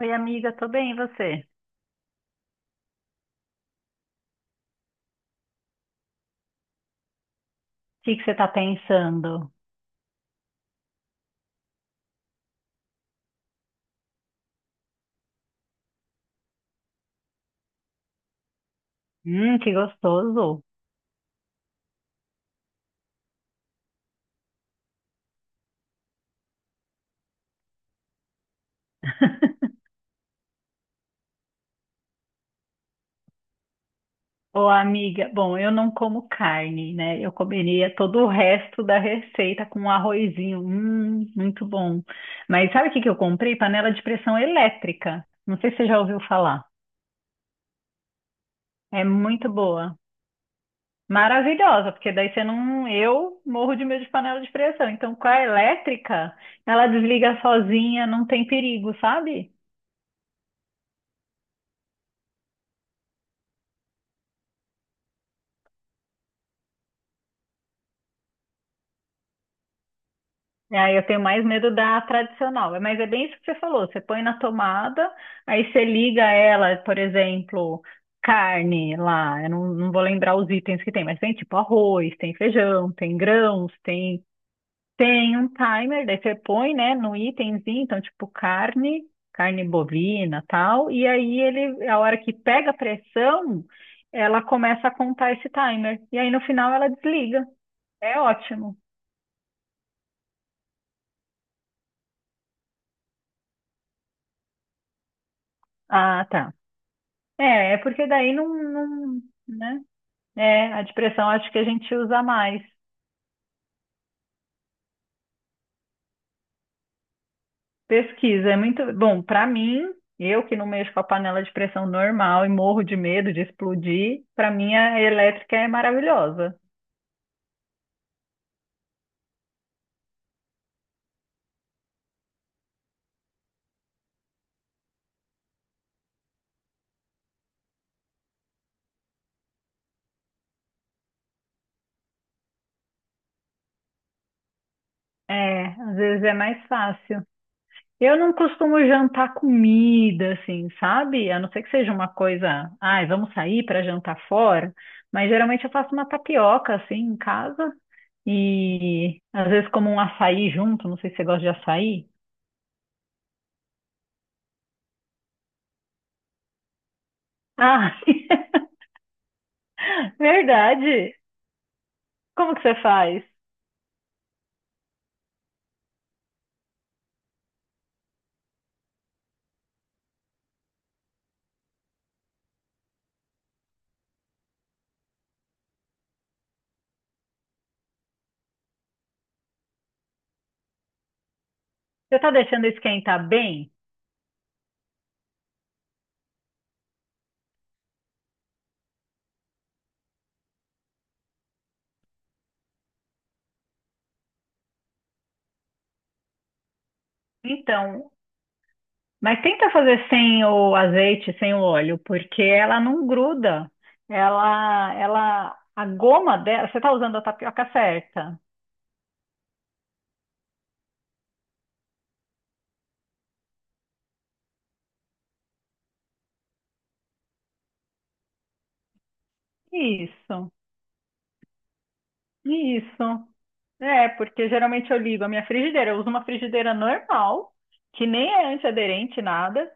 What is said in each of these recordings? Oi, amiga, tô bem, e você? O que que você tá pensando? Que gostoso. Ô, amiga, bom, eu não como carne, né? Eu comeria todo o resto da receita com um arrozinho. Muito bom. Mas sabe o que que eu comprei? Panela de pressão elétrica. Não sei se você já ouviu falar. É muito boa. Maravilhosa, porque daí você não. Eu morro de medo de panela de pressão. Então, com a elétrica, ela desliga sozinha, não tem perigo, sabe? Ah, eu tenho mais medo da tradicional. É, mas é bem isso que você falou. Você põe na tomada, aí você liga ela, por exemplo, carne lá. Eu não vou lembrar os itens que tem, mas tem tipo arroz, tem feijão, tem grãos, tem, tem um timer. Daí você põe, né, no itemzinho, então tipo carne, carne bovina, tal. E aí ele, a hora que pega a pressão, ela começa a contar esse timer. E aí no final ela desliga. É ótimo. Ah, tá. É, é porque daí não, não, né? É, a depressão acho que a gente usa mais. Pesquisa é muito bom para mim. Eu que não mexo com a panela de pressão normal e morro de medo de explodir, para mim a elétrica é maravilhosa. É, às vezes é mais fácil. Eu não costumo jantar comida, assim, sabe? A não ser que seja uma coisa, ai, vamos sair para jantar fora, mas geralmente eu faço uma tapioca assim em casa. E às vezes como um açaí junto, não sei se você gosta de açaí. Ah, verdade. Como que você faz? Você tá deixando esquentar bem? Então, mas tenta fazer sem o azeite, sem o óleo, porque ela não gruda. Ela, a goma dela, você tá usando a tapioca certa. Isso, isso. É, porque geralmente eu ligo a minha frigideira, eu uso uma frigideira normal, que nem é antiaderente, nada.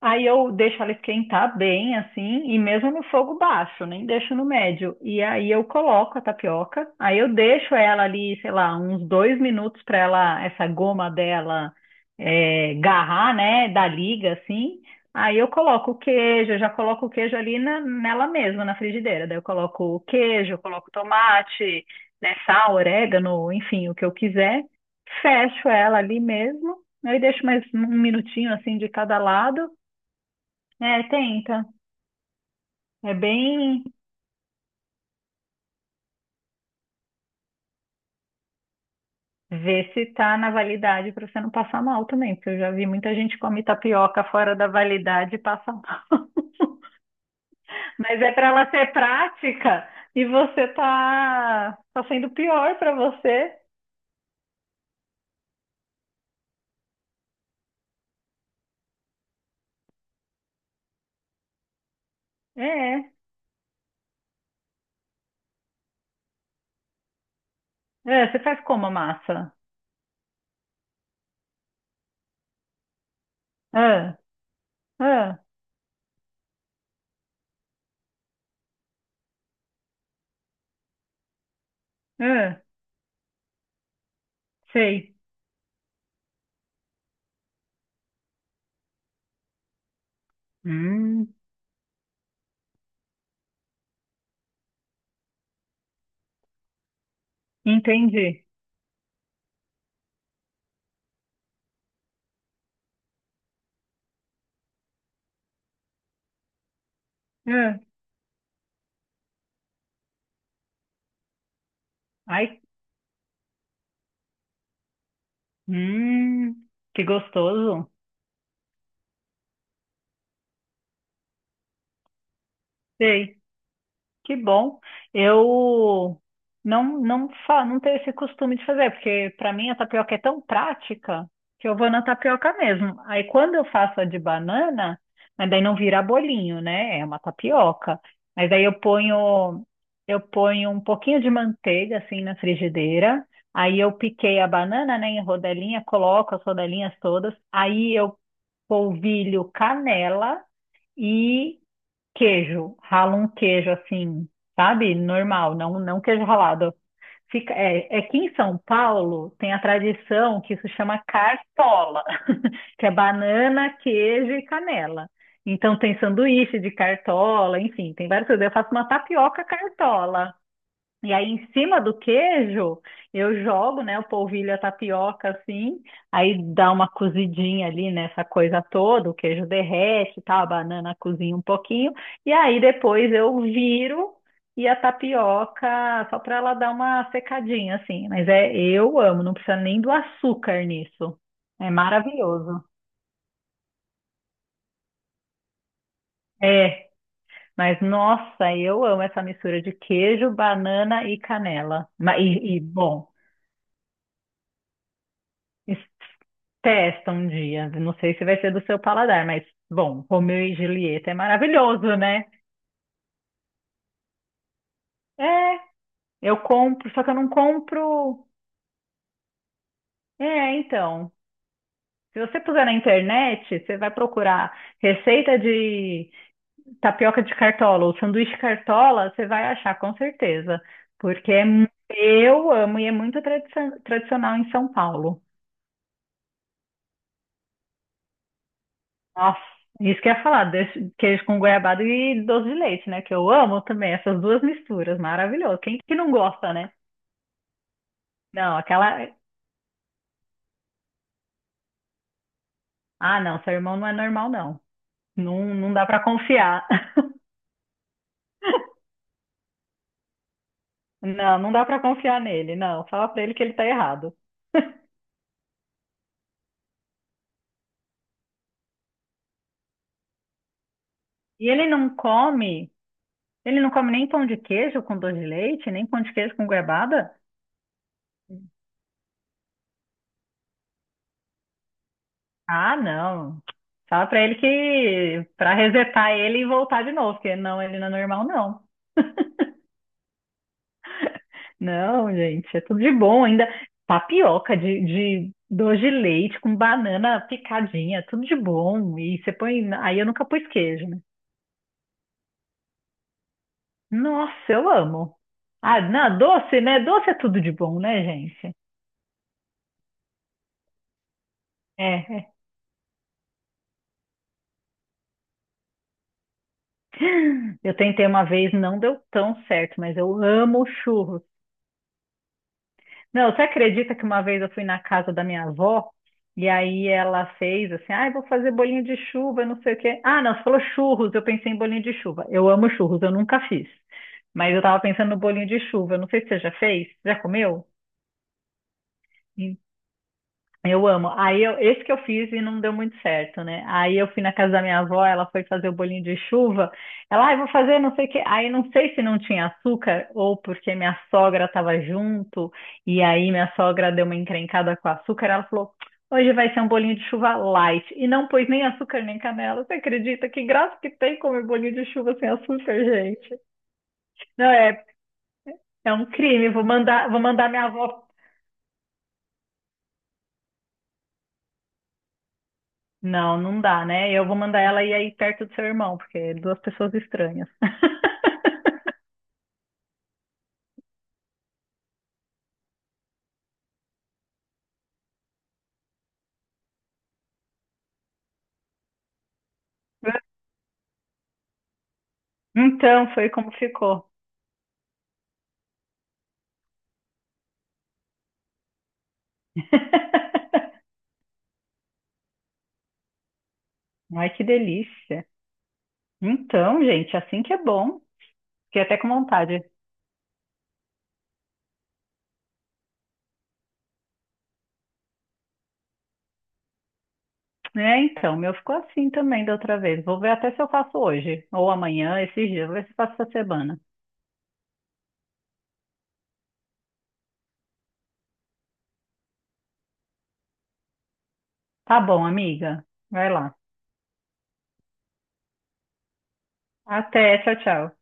Aí eu deixo ela esquentar bem, assim, e mesmo no fogo baixo, nem deixo no médio. E aí eu coloco a tapioca, aí eu deixo ela ali, sei lá, uns dois minutos para ela, essa goma dela, é, garrar, né, da liga, assim. Aí eu coloco o queijo, eu já coloco o queijo ali na- nela mesma, na frigideira. Daí eu coloco o queijo, eu coloco tomate, né, sal, orégano, enfim, o que eu quiser. Fecho ela ali mesmo, aí deixo mais um minutinho, assim, de cada lado. É, tenta. É bem ver se tá na validade para você não passar mal também, porque eu já vi muita gente que come tapioca fora da validade e passa mal. Mas é para ela ser prática e você tá, tá sendo pior para você. É, é. É, você faz como a massa? Ah, ah, ah, sei. Hum, entendi. Ah, ai, hum, que gostoso. Sei. Que bom. Eu não não fa não tenho esse costume de fazer, porque para mim a tapioca é tão prática que eu vou na tapioca mesmo. Aí quando eu faço a de banana, mas daí não vira bolinho, né? É uma tapioca. Mas aí eu ponho um pouquinho de manteiga assim na frigideira. Aí eu piquei a banana, né, em rodelinha, coloco as rodelinhas todas. Aí eu polvilho canela e queijo, rala um queijo assim, sabe? Normal, não queijo ralado. Fica, é, é que em São Paulo tem a tradição que isso chama cartola, que é banana, queijo e canela. Então tem sanduíche de cartola, enfim, tem várias coisas. Eu faço uma tapioca cartola. E aí, em cima do queijo, eu jogo, né, o polvilho, a tapioca, assim, aí dá uma cozidinha ali nessa coisa toda, o queijo derrete, e tal, a banana cozinha um pouquinho, e aí depois eu viro e a tapioca, só para ela dar uma secadinha, assim. Mas é, eu amo, não precisa nem do açúcar nisso. É maravilhoso. É, mas nossa, eu amo essa mistura de queijo, banana e canela. Ma- E, e bom. Testa um dia. Não sei se vai ser do seu paladar, mas, bom, Romeu e Julieta é maravilhoso, né? É, eu compro, só que eu não compro. É, então. Se você puser na internet, você vai procurar receita de tapioca de cartola ou sanduíche cartola, você vai achar com certeza. Porque é mu- eu amo e é muito tradici- tradicional em São Paulo. Nossa, isso que eu ia falar, desse- queijo com goiabada e doce de leite, né? Que eu amo também essas duas misturas, maravilhoso. Quem que não gosta, né? Não, aquela. Ah, não, seu irmão não é normal, não. Não, não dá pra confiar. Não, não dá pra confiar nele, não. Fala pra ele que ele tá errado. E ele não come nem pão de queijo com doce de leite, nem pão de queijo com goiabada? Ah, não. Fala pra ele que pra resetar ele e voltar de novo, porque não, ele não é normal, não. Não, gente, é tudo de bom. Ainda tapioca de doce de leite com banana picadinha, tudo de bom. E você põe. Aí eu nunca pus queijo, né? Nossa, eu amo. Ah, não, doce, né? Doce é tudo de bom, né, gente? É, é. Eu tentei uma vez, não deu tão certo, mas eu amo churros. Não, você acredita que uma vez eu fui na casa da minha avó e aí ela fez assim, ah, eu vou fazer bolinho de chuva, não sei o quê. Ah, não, você falou churros, eu pensei em bolinho de chuva. Eu amo churros, eu nunca fiz. Mas eu tava pensando no bolinho de chuva, eu não sei se você já fez, já comeu? Eu amo. Aí eu, esse que eu fiz e não deu muito certo, né? Aí eu fui na casa da minha avó, ela foi fazer o bolinho de chuva. Ela, ah, eu vou fazer não sei o quê. Aí não sei se não tinha açúcar ou porque minha sogra estava junto e aí minha sogra deu uma encrencada com o açúcar. Ela falou, hoje vai ser um bolinho de chuva light. E não pôs nem açúcar nem canela. Você acredita? Que graça que tem comer bolinho de chuva sem açúcar, gente. Não é, é um crime. Vou mandar minha avó. Não, não dá, né? Eu vou mandar ela ir aí perto do seu irmão, porque é duas pessoas estranhas. Então, foi como ficou. Ai, que delícia. Então, gente, assim que é bom. Fiquei até com vontade. É, então, o meu ficou assim também da outra vez. Vou ver até se eu faço hoje, ou amanhã, esses dias. Vou ver se eu faço essa semana. Tá bom, amiga. Vai lá. Até, tchau, tchau.